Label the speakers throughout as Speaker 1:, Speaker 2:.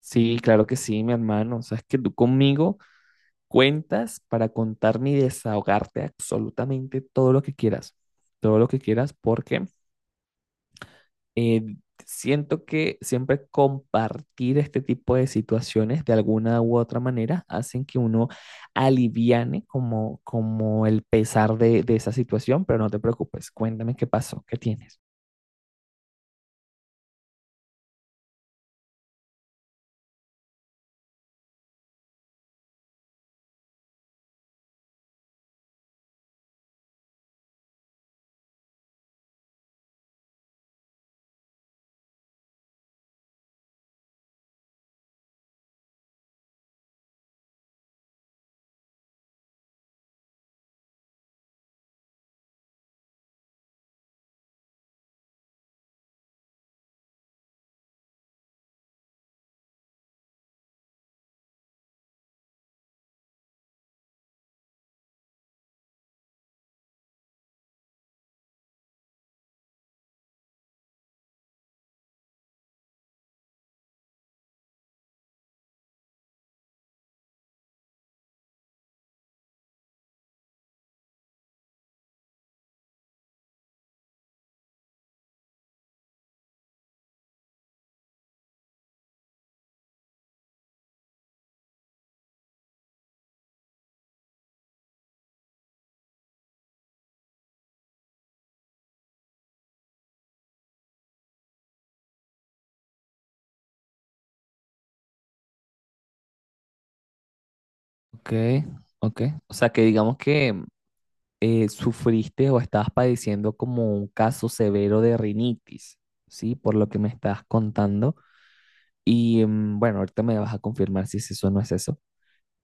Speaker 1: Sí, claro que sí, mi hermano. Sabes que tú conmigo cuentas para contarme y desahogarte absolutamente todo lo que quieras. Todo lo que quieras porque eh, siento que siempre compartir este tipo de situaciones de alguna u otra manera hacen que uno aliviane como el pesar de esa situación, pero no te preocupes, cuéntame qué pasó, qué tienes. Ok, ok. O sea que digamos que sufriste o estabas padeciendo como un caso severo de rinitis, ¿sí? Por lo que me estás contando. Y mm, bueno, ahorita me vas a confirmar si es eso o no es eso.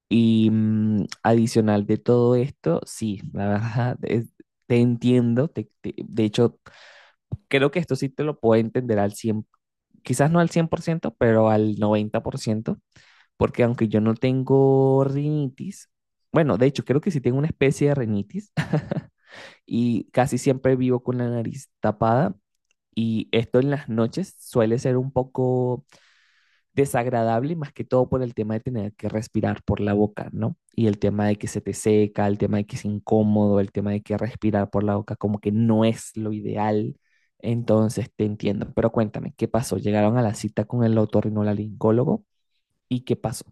Speaker 1: Y mm, adicional de todo esto, sí, la verdad, te entiendo. De hecho, creo que esto sí te lo puedo entender al 100%, quizás no al 100%, pero al 90% porque aunque yo no tengo rinitis, bueno, de hecho, creo que sí tengo una especie de rinitis y casi siempre vivo con la nariz tapada y esto en las noches suele ser un poco desagradable, más que todo por el tema de tener que respirar por la boca, ¿no? Y el tema de que se te seca, el tema de que es incómodo, el tema de que respirar por la boca como que no es lo ideal. Entonces te entiendo, pero cuéntame, ¿qué pasó? Llegaron a la cita con el otorrinolaringólogo y ¿qué pasó?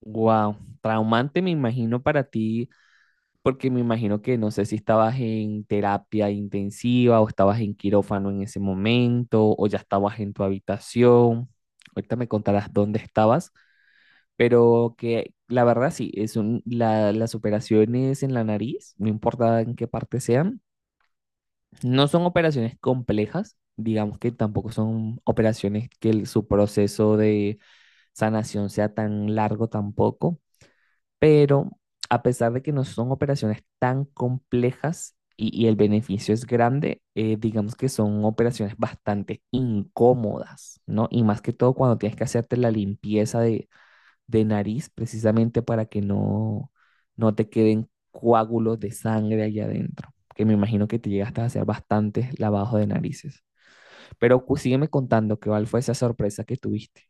Speaker 1: Wow, traumante me imagino para ti. Porque me imagino que no sé si estabas en terapia intensiva o estabas en quirófano en ese momento o ya estabas en tu habitación. Ahorita me contarás dónde estabas, pero que la verdad sí, las operaciones en la nariz, no importa en qué parte sean, no son operaciones complejas, digamos que tampoco son operaciones que su proceso de sanación sea tan largo tampoco, pero a pesar de que no son operaciones tan complejas y el beneficio es grande, digamos que son operaciones bastante incómodas, ¿no? Y más que todo cuando tienes que hacerte la limpieza de nariz precisamente para que no, no te queden coágulos de sangre allá adentro, que me imagino que te llegaste a hacer bastantes lavados de narices. Pero sígueme contando qué cuál fue esa sorpresa que tuviste.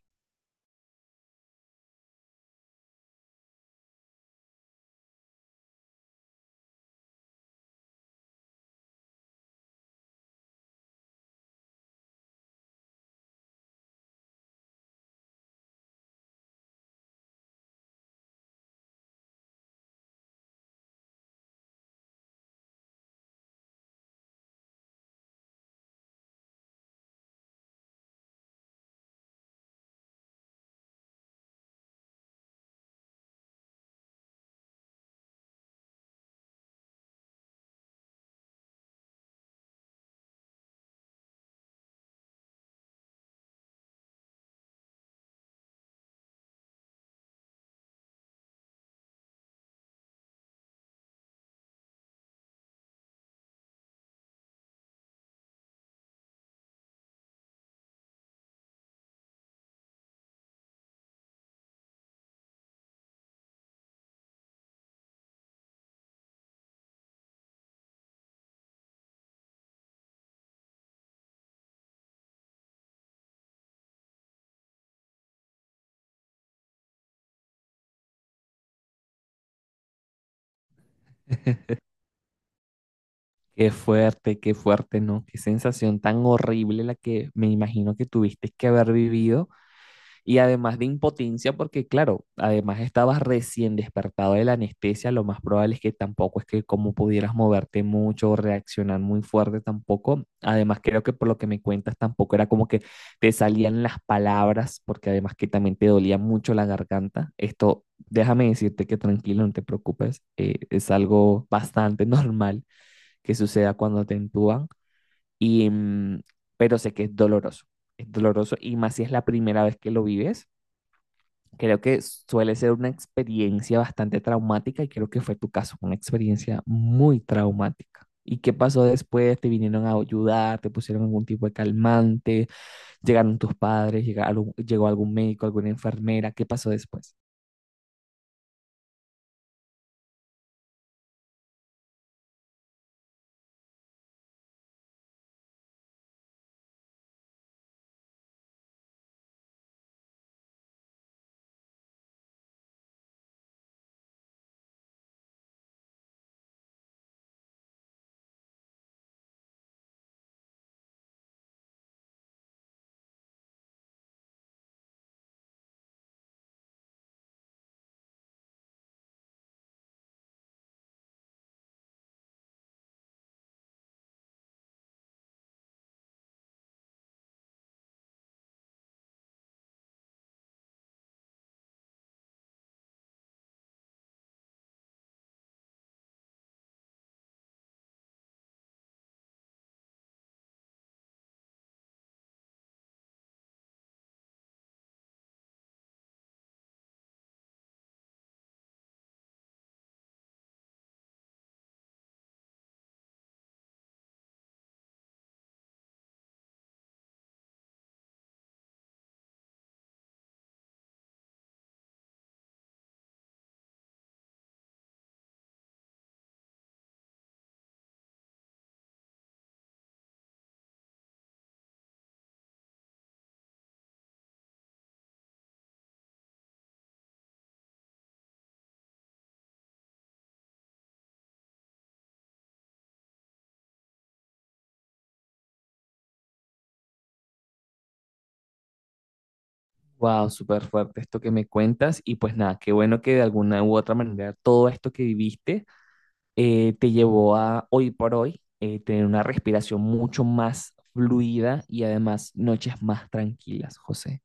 Speaker 1: Qué fuerte, ¿no? Qué sensación tan horrible la que me imagino que tuviste que haber vivido y además de impotencia, porque claro, además estabas recién despertado de la anestesia, lo más probable es que tampoco es que como pudieras moverte mucho o reaccionar muy fuerte tampoco. Además creo que por lo que me cuentas tampoco era como que te salían las palabras, porque además que también te dolía mucho la garganta. Esto, déjame decirte que tranquilo, no te preocupes, es algo bastante normal que suceda cuando te entúan, y, mm, pero sé que es doloroso y más si es la primera vez que lo vives, creo que suele ser una experiencia bastante traumática y creo que fue tu caso, una experiencia muy traumática. ¿Y qué pasó después? ¿Te vinieron a ayudar? ¿Te pusieron algún tipo de calmante? ¿Llegaron tus padres? ¿Llegaron, llegó algún médico, alguna enfermera? ¿Qué pasó después? Wow, súper fuerte esto que me cuentas. Y pues nada, qué bueno que de alguna u otra manera todo esto que viviste, te llevó a hoy por hoy, tener una respiración mucho más fluida y además noches más tranquilas, José.